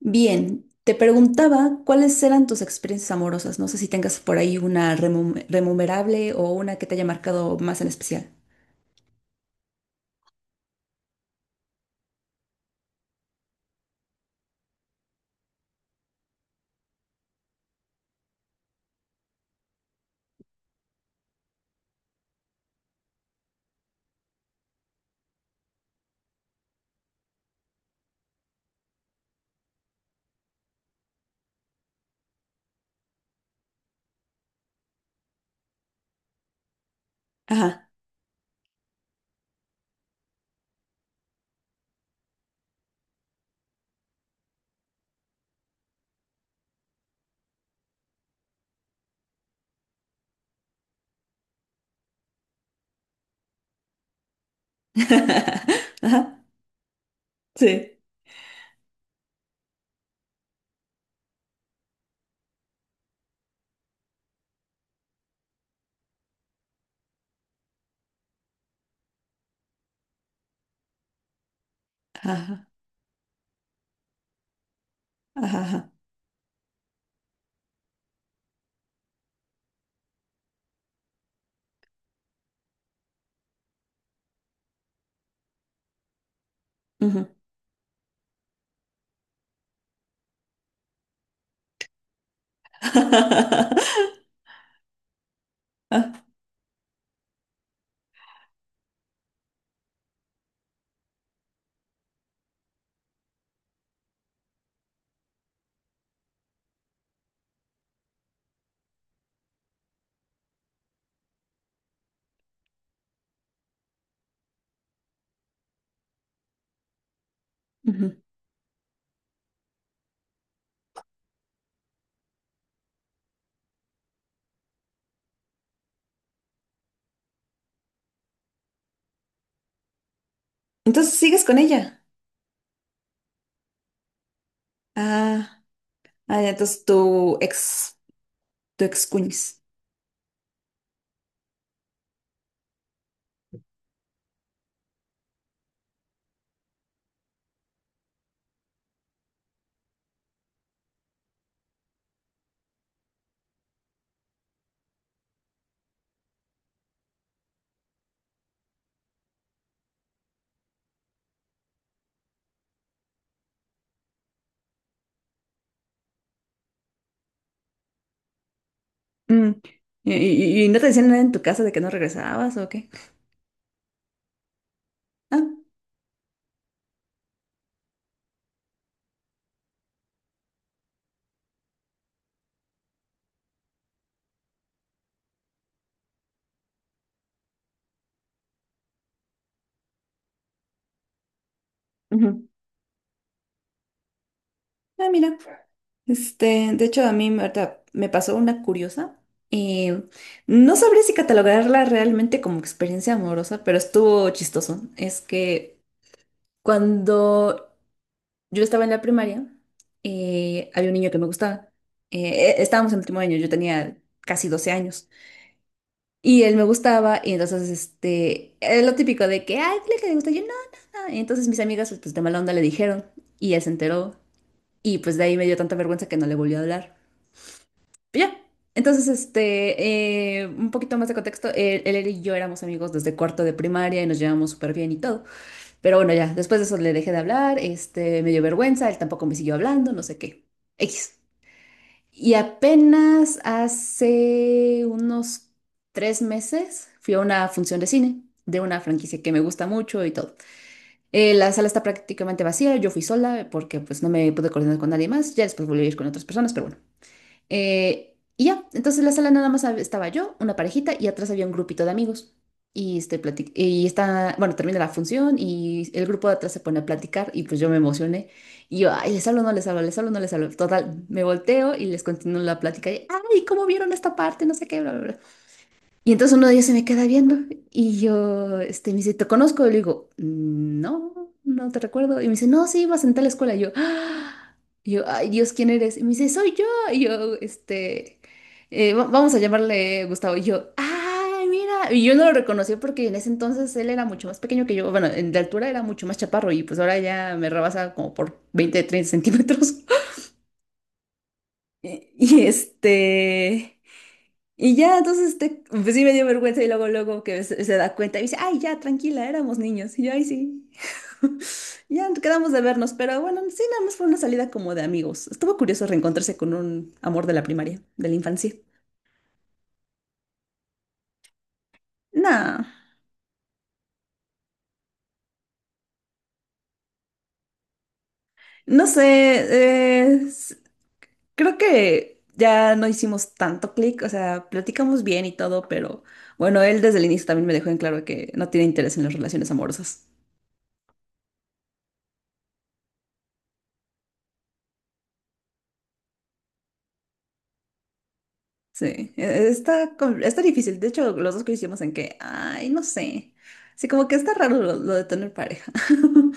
Bien, te preguntaba cuáles eran tus experiencias amorosas. No sé si tengas por ahí una remunerable o una que te haya marcado más en especial. Ajá. Ajá. Sí. Ajá. Ajá. Ajá. Ujú. Ah, ujú. Entonces sigues con ella. Ah, ah, ya, entonces tu ex cuñis. Mm. ¿¿Y no te decían nada en tu casa de que no regresabas o qué? Ah, ujú. Ah, mira. Este, de hecho, a mí me ahorita me pasó una curiosa. Y no sabría si catalogarla realmente como experiencia amorosa, pero estuvo chistoso. Es que cuando yo estaba en la primaria, había un niño que me gustaba. Estábamos en el último año, yo tenía casi 12 años. Y él me gustaba, y entonces, este, lo típico de que, ay, dile que le gusta. Yo, no, no, no. Y entonces mis amigas, pues de mala onda, le dijeron, y él se enteró. Y pues de ahí me dio tanta vergüenza que no le volvió a hablar. Ya. Entonces, este, un poquito más de contexto, él y yo éramos amigos desde cuarto de primaria y nos llevamos súper bien y todo. Pero bueno, ya, después de eso le dejé de hablar, este, me dio vergüenza, él tampoco me siguió hablando, no sé qué. X. Y apenas hace unos 3 meses fui a una función de cine de una franquicia que me gusta mucho y todo. La sala está prácticamente vacía, yo fui sola porque pues no me pude coordinar con nadie más, ya después volví a ir con otras personas, pero bueno. Y ya, entonces la sala nada más estaba yo, una parejita y atrás había un grupito de amigos. Y, este, y está, bueno, termina la función y el grupo de atrás se pone a platicar y pues yo me emocioné. Y yo, ay, les hablo, no les hablo, les hablo, no les hablo. Total, me volteo y les continúo la plática. Y, ay, ¿cómo vieron esta parte? No sé qué, bla, bla, bla. Y entonces uno de ellos se me queda viendo y yo, este, me dice, ¿te conozco? Y le digo, no, no te recuerdo. Y me dice, no, sí, ibas en tal escuela. Y yo, "Ah". Y yo, ay, Dios, ¿quién eres? Y me dice, soy yo. Y yo, este, vamos a llamarle Gustavo. Y yo, ay, mira. Y yo no lo reconocí porque en ese entonces él era mucho más pequeño que yo. Bueno, de altura era mucho más chaparro y pues ahora ya me rebasa como por 20 30 centímetros. Y este. Y ya, entonces, pues sí me dio vergüenza y luego que se da cuenta y dice, ay, ya, tranquila, éramos niños. Y yo, ay, sí. Ya quedamos de vernos, pero bueno, sí, nada más fue una salida como de amigos. Estuvo curioso reencontrarse con un amor de la primaria, de la infancia. No, no sé, creo que ya no hicimos tanto clic, o sea, platicamos bien y todo, pero bueno, él desde el inicio también me dejó en claro que no tiene interés en las relaciones amorosas. Sí, está difícil. De hecho, los dos coincidimos en que, ay, no sé. Sí, como que está raro lo de tener pareja.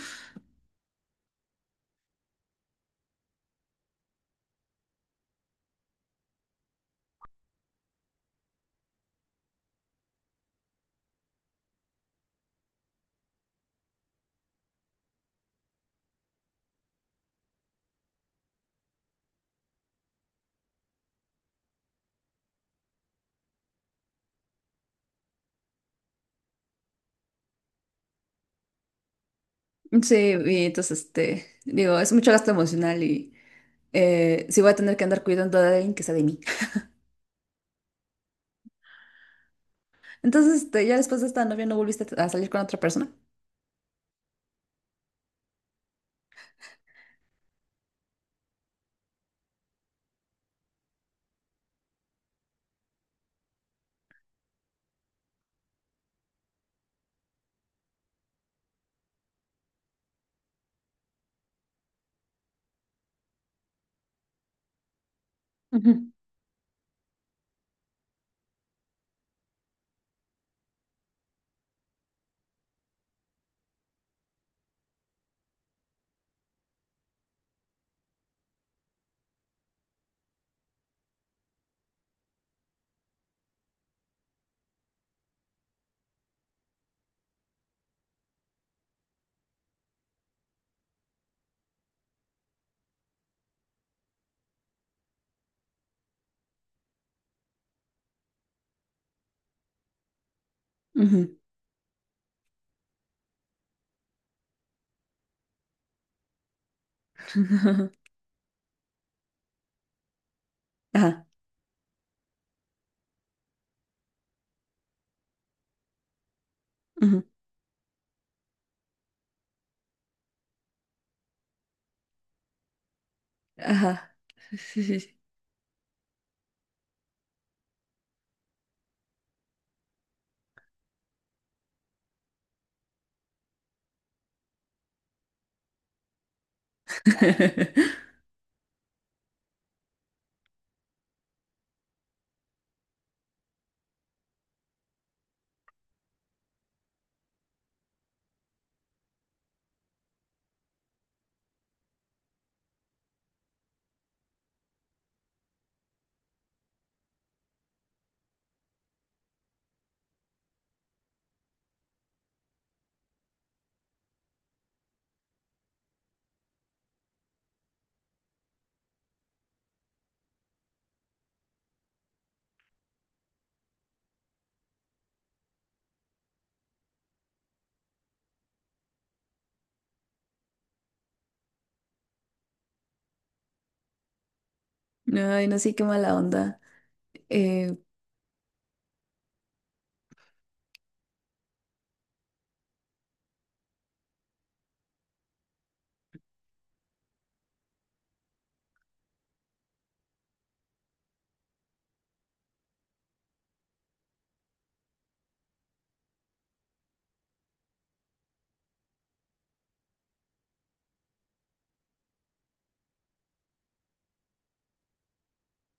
Sí, y entonces, este, digo, es mucho gasto emocional y sí voy a tener que andar cuidando de alguien que sea de mí. Entonces, este, ya después de esta novia no volviste a salir con otra persona. Ujú. Ujú. Ajá, ujú, ajá. Sí, sí, sí. Sí. Ay, no sé, qué mala onda. Eh,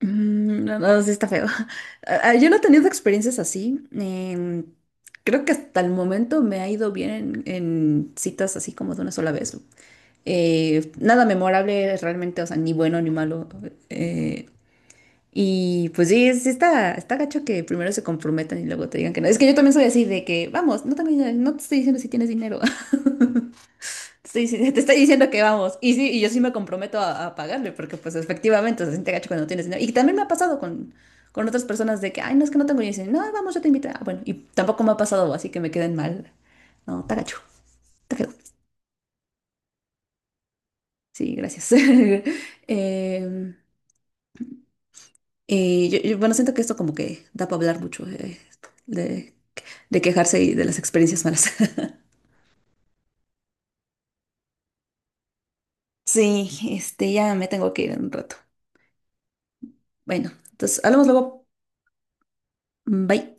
Mm, no, no, sí está feo. Ah, ah, yo no he tenido experiencias así. Creo que hasta el momento me ha ido bien en citas así como de una sola vez. Nada memorable realmente, o sea, ni bueno ni malo. eh, y pues sí, sí está, está gacho que primero se comprometan y luego te digan que no. Es que yo también soy así de que, vamos, no, también, no te estoy diciendo si tienes dinero. Sí, sí, te estoy diciendo que vamos. Y sí, y yo sí me comprometo a pagarle, porque pues efectivamente se siente gacho cuando no tienes dinero. Y también me ha pasado con otras personas de que, ay, no es que no tengo dinero. Y dicen, no, vamos, yo te invito. Ah, bueno, y tampoco me ha pasado, así que me queden mal. No, está gacho, está feo. Sí, gracias. Em, yo, bueno, siento que esto como que da para hablar mucho de, de quejarse y de las experiencias malas. Sí, este, ya me tengo que ir en un rato. Bueno, entonces hablamos luego. Bye.